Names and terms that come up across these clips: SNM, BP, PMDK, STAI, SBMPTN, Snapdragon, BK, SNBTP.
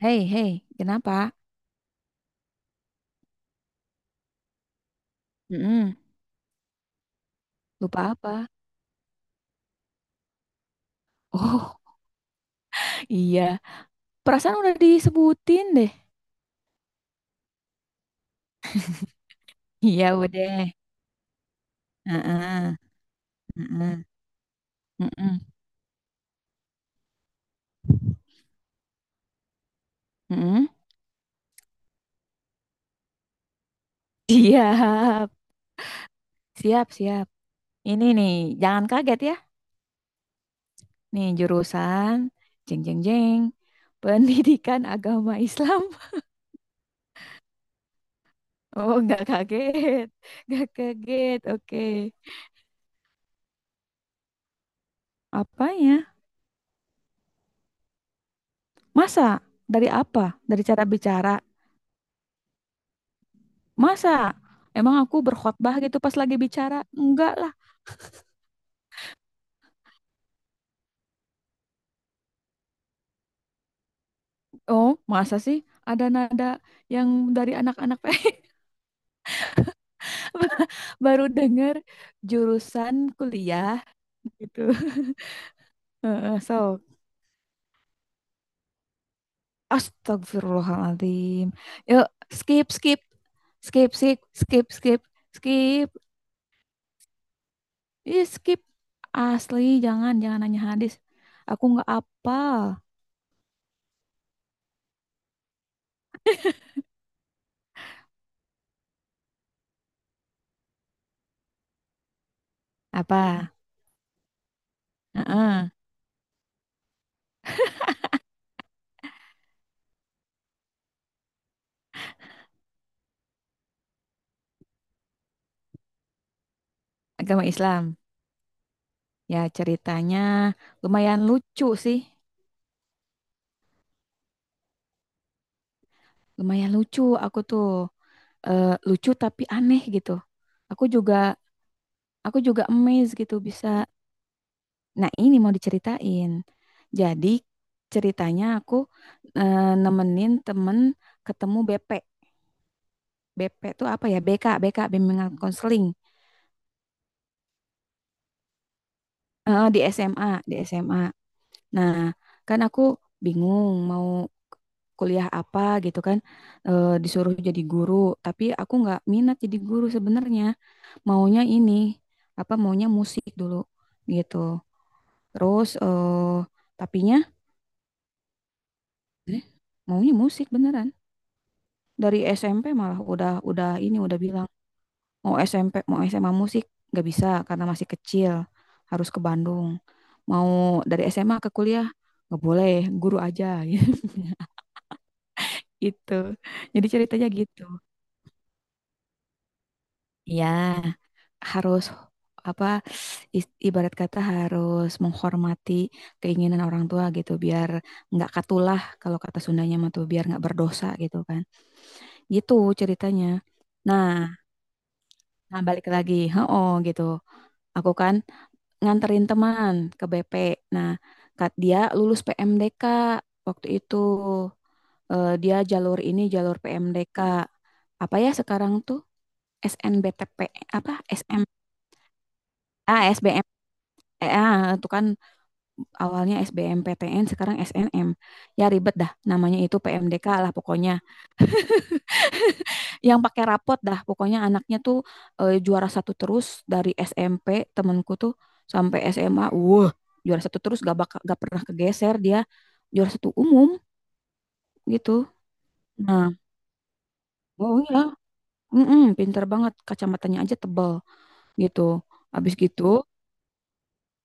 Hei, hei, kenapa? Mm-mm. Lupa apa? Oh, iya. Perasaan udah disebutin deh. Iya, udah. Heeh, heeh, mm heeh. Siap, siap, siap. Ini nih, jangan kaget ya. Nih, jurusan jeng jeng jeng pendidikan agama Islam. Oh, nggak kaget. Nggak kaget. Oke. Apanya? Masa? Dari apa? Dari cara bicara? Masa? Emang aku berkhotbah gitu pas lagi bicara? Enggak lah. Oh, masa sih ada nada yang dari anak-anak baru dengar jurusan kuliah gitu. Heeh, So, astagfirullahaladzim. Yuk, skip, skip. Skip, skip, skip, skip, skip. Ih, skip. Asli, jangan, jangan nanya hadis. Aku nggak apa. Apa? Heeh, agama Islam. Ya, ceritanya lumayan lucu sih. Lumayan lucu aku tuh. Eh, lucu tapi aneh gitu. Aku juga aku juga amazed gitu bisa. Nah, ini mau diceritain. Jadi ceritanya aku nemenin temen ketemu BP. BP tuh apa ya? BK bimbingan konseling. Di SMA, di SMA. Nah, kan aku bingung mau kuliah apa gitu kan, disuruh jadi guru, tapi aku nggak minat jadi guru sebenarnya. Maunya ini, apa maunya musik dulu gitu. Terus tapinya eh, maunya musik beneran dari SMP. Malah udah ini udah bilang mau SMP mau SMA musik nggak bisa karena masih kecil, harus ke Bandung. Mau dari SMA ke kuliah nggak boleh, guru aja. Gitu, jadi ceritanya gitu. Iya, harus apa, ibarat kata harus menghormati keinginan orang tua gitu biar nggak katulah, kalau kata Sundanya mah tuh biar nggak berdosa gitu kan, gitu ceritanya. Nah, nah balik lagi, oh gitu. Aku kan nganterin teman ke BP. Nah, dia lulus PMDK waktu itu. Dia jalur ini, jalur PMDK apa ya sekarang tuh? SNBTP apa SM, ah SBM, itu kan awalnya SBMPTN, sekarang SNM. Ya, ribet dah namanya, itu PMDK lah pokoknya, yang pakai rapot dah pokoknya. Anaknya tuh, juara satu terus dari SMP temanku tuh sampai SMA. Wah, juara satu terus, gak bakal, gak pernah kegeser dia, juara satu umum gitu. Nah, oh iya, pinter banget kacamatanya aja tebal gitu. Habis gitu.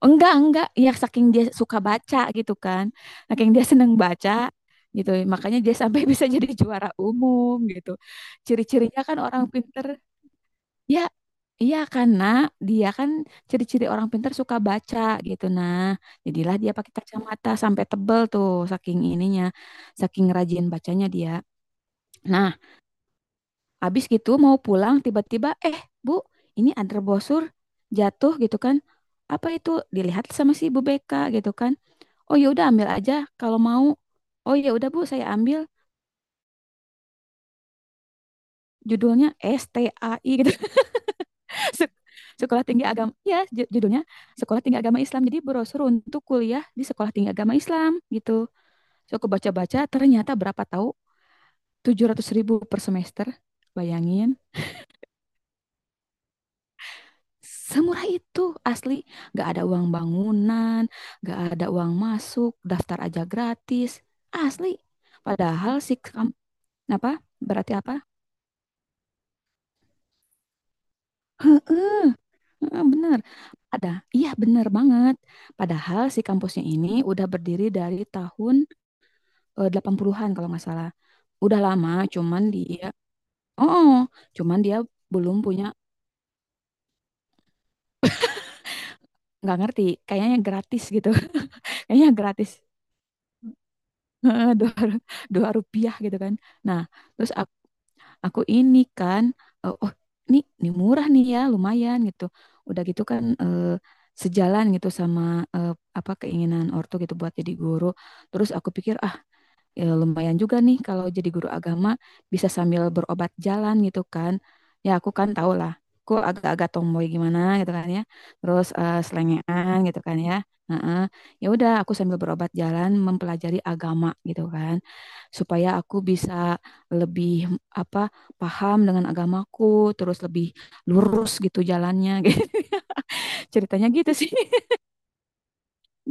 Enggak, enggak. Ya saking dia suka baca gitu kan. Saking dia seneng baca gitu. Makanya dia sampai bisa jadi juara umum gitu. Ciri-cirinya kan orang pinter. Ya, iya karena dia kan ciri-ciri orang pinter suka baca gitu. Nah, jadilah dia pakai kacamata sampai tebel tuh saking ininya. Saking rajin bacanya dia. Nah, habis gitu mau pulang tiba-tiba, Bu, ini ada brosur jatuh gitu kan. Apa itu? Dilihat sama si Bu Beka gitu kan. Oh, ya udah ambil aja kalau mau. Oh, ya udah Bu, saya ambil. Judulnya STAI gitu. Sek- Sekolah Tinggi Agama. Ya, judulnya Sekolah Tinggi Agama Islam. Jadi brosur untuk kuliah di Sekolah Tinggi Agama Islam gitu. So aku baca-baca ternyata berapa tahu. 700.000 per semester. Bayangin. Semurah itu asli, gak ada uang bangunan, gak ada uang masuk, daftar aja gratis, asli. Padahal si apa berarti apa? Heeh, bener, ada. Iya, bener banget. Padahal si kampusnya ini udah berdiri dari tahun, 80-an kalau nggak salah. Udah lama, cuman dia, oh, cuman dia belum punya, nggak ngerti. Kayaknya gratis gitu. Kayaknya gratis. Heeh, dua rupiah gitu kan. Nah, terus aku ini kan, oh, ini murah nih ya, lumayan gitu. Udah gitu kan, sejalan gitu sama, eh, apa keinginan ortu gitu buat jadi guru. Terus aku pikir, ya lumayan juga nih kalau jadi guru agama bisa sambil berobat jalan gitu kan. Ya aku kan tau lah, aku agak-agak tomboy gimana gitu kan ya. Terus selengean gitu kan ya. Heeh. Ya udah aku sambil berobat jalan mempelajari agama gitu kan. Supaya aku bisa lebih apa paham dengan agamaku, terus lebih lurus gitu jalannya gitu. Ya. Ceritanya gitu sih.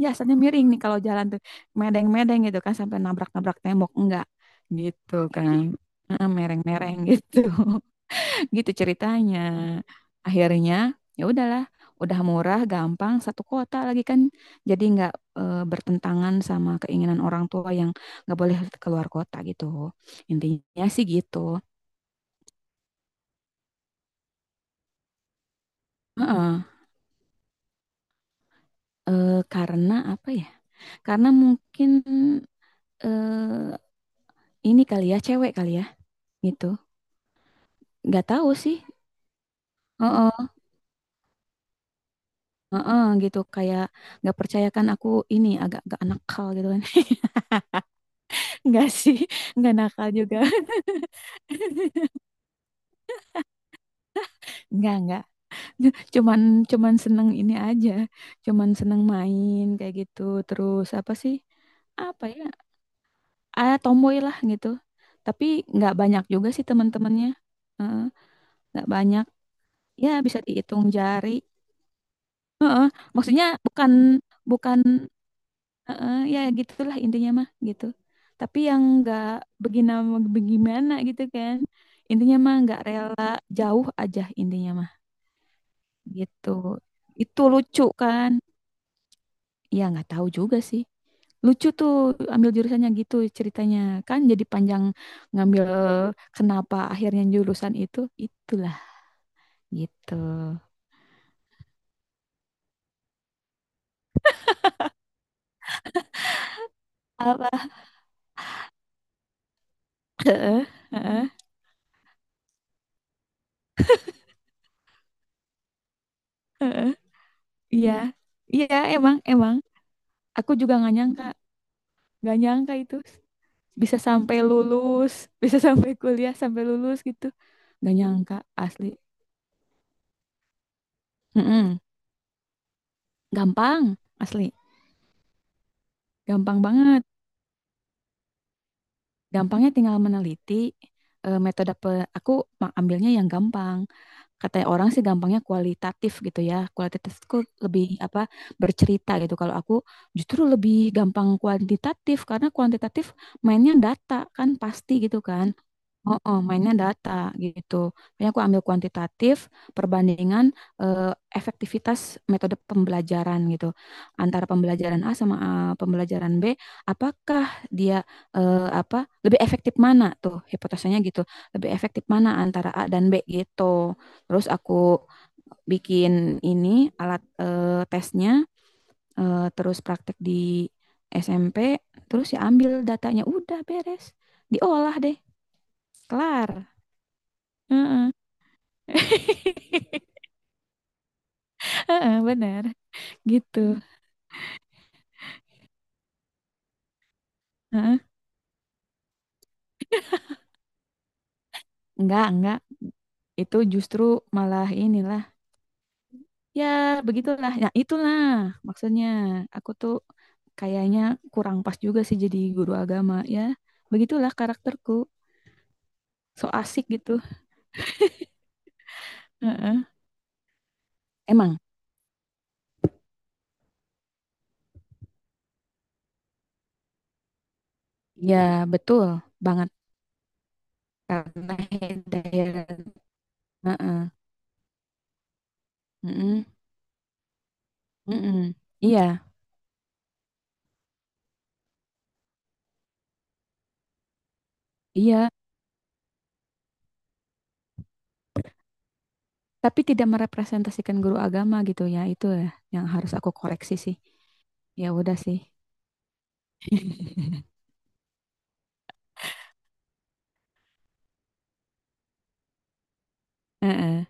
Ya, biasanya miring nih kalau jalan tuh medeng-medeng gitu kan sampai nabrak-nabrak tembok, enggak gitu kan. Heeh, mereng-mereng gitu. Gitu ceritanya. Akhirnya ya udahlah, udah murah, gampang, satu kota lagi kan, jadi nggak bertentangan sama keinginan orang tua yang nggak boleh keluar kota gitu. Intinya sih gitu. Heeh. Karena apa ya, karena mungkin eh, ini kali ya, cewek kali ya gitu. Nggak tahu sih. Heeh, heeh, gitu kayak nggak percaya kan aku ini agak-agak nakal gitu kan. Nggak sih, nggak nakal juga. Nggak, cuman cuman seneng ini aja, cuman seneng main kayak gitu. Terus apa sih, apa ya, ah tomboy lah gitu. Tapi nggak banyak juga sih teman-temannya. Heeh, nggak banyak, ya bisa dihitung jari. Heeh, maksudnya bukan, bukan. Heeh, ya gitulah intinya mah gitu. Tapi yang nggak begina bagaimana gitu kan. Intinya mah nggak rela jauh aja intinya mah gitu. Itu lucu kan? Ya nggak tahu juga sih. Lucu tuh ambil jurusannya gitu ceritanya, kan jadi panjang, ngambil kenapa akhirnya jurusan itu, itulah gitu. Apa? Heeh, heeh, heeh. Iya, iya emang emang. Aku juga nggak nyangka itu. Bisa sampai lulus, bisa sampai kuliah sampai lulus gitu. Gak nyangka asli. Mm-mm. Gampang, asli. Gampang banget. Gampangnya tinggal meneliti, metode aku ambilnya yang gampang. Katanya orang sih gampangnya kualitatif gitu ya. Kualitatif itu lebih apa bercerita gitu. Kalau aku justru lebih gampang kuantitatif karena kuantitatif mainnya data kan pasti gitu kan. Oh, oh, mainnya data gitu. Makanya aku ambil kuantitatif perbandingan, eh, efektivitas metode pembelajaran gitu. Antara pembelajaran A sama, pembelajaran B, apakah dia apa lebih efektif mana tuh hipotesanya gitu. Lebih efektif mana antara A dan B gitu. Terus aku bikin ini alat, tesnya, terus praktek di SMP, terus ya ambil datanya udah beres. Diolah deh. Kelar. Heeh. Heeh, benar gitu. Heeh. Enggak, enggak. Itu justru malah inilah. Ya, begitulah. Ya, itulah maksudnya. Aku tuh kayaknya kurang pas juga sih jadi guru agama ya. Begitulah karakterku. So asik gitu. Heeh. Emang, ya betul banget karena hidayah. Heeh. Mm-mm. Mm-mm. Iya, iya. Tapi tidak merepresentasikan guru agama gitu ya, itu ya yang harus aku koreksi sih. Ya udah sih. Heeh.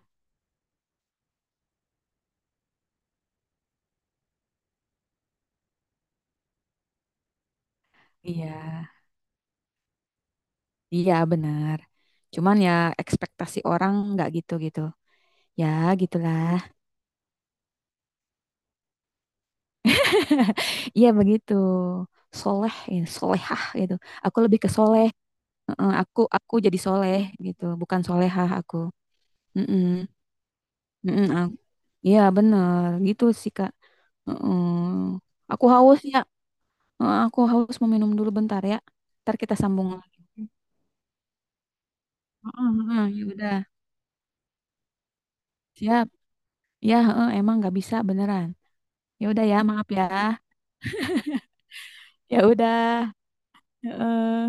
Iya, iya benar, cuman ya ekspektasi orang nggak gitu gitu. Ya gitulah. Iya begitu. Soleh ya, solehah gitu. Aku lebih ke soleh. Heeh, aku jadi soleh gitu, bukan solehah aku. Mm-mm. Mm-mm. Iya benar gitu sih Kak. Heeh. Aku haus ya. Eh, aku haus mau minum dulu bentar ya. Ntar kita sambung lagi. Heeh, heeh, ya udah. Siap. Ya, heeh, emang nggak bisa beneran. Ya udah ya, maaf ya. Ya udah. Heeh.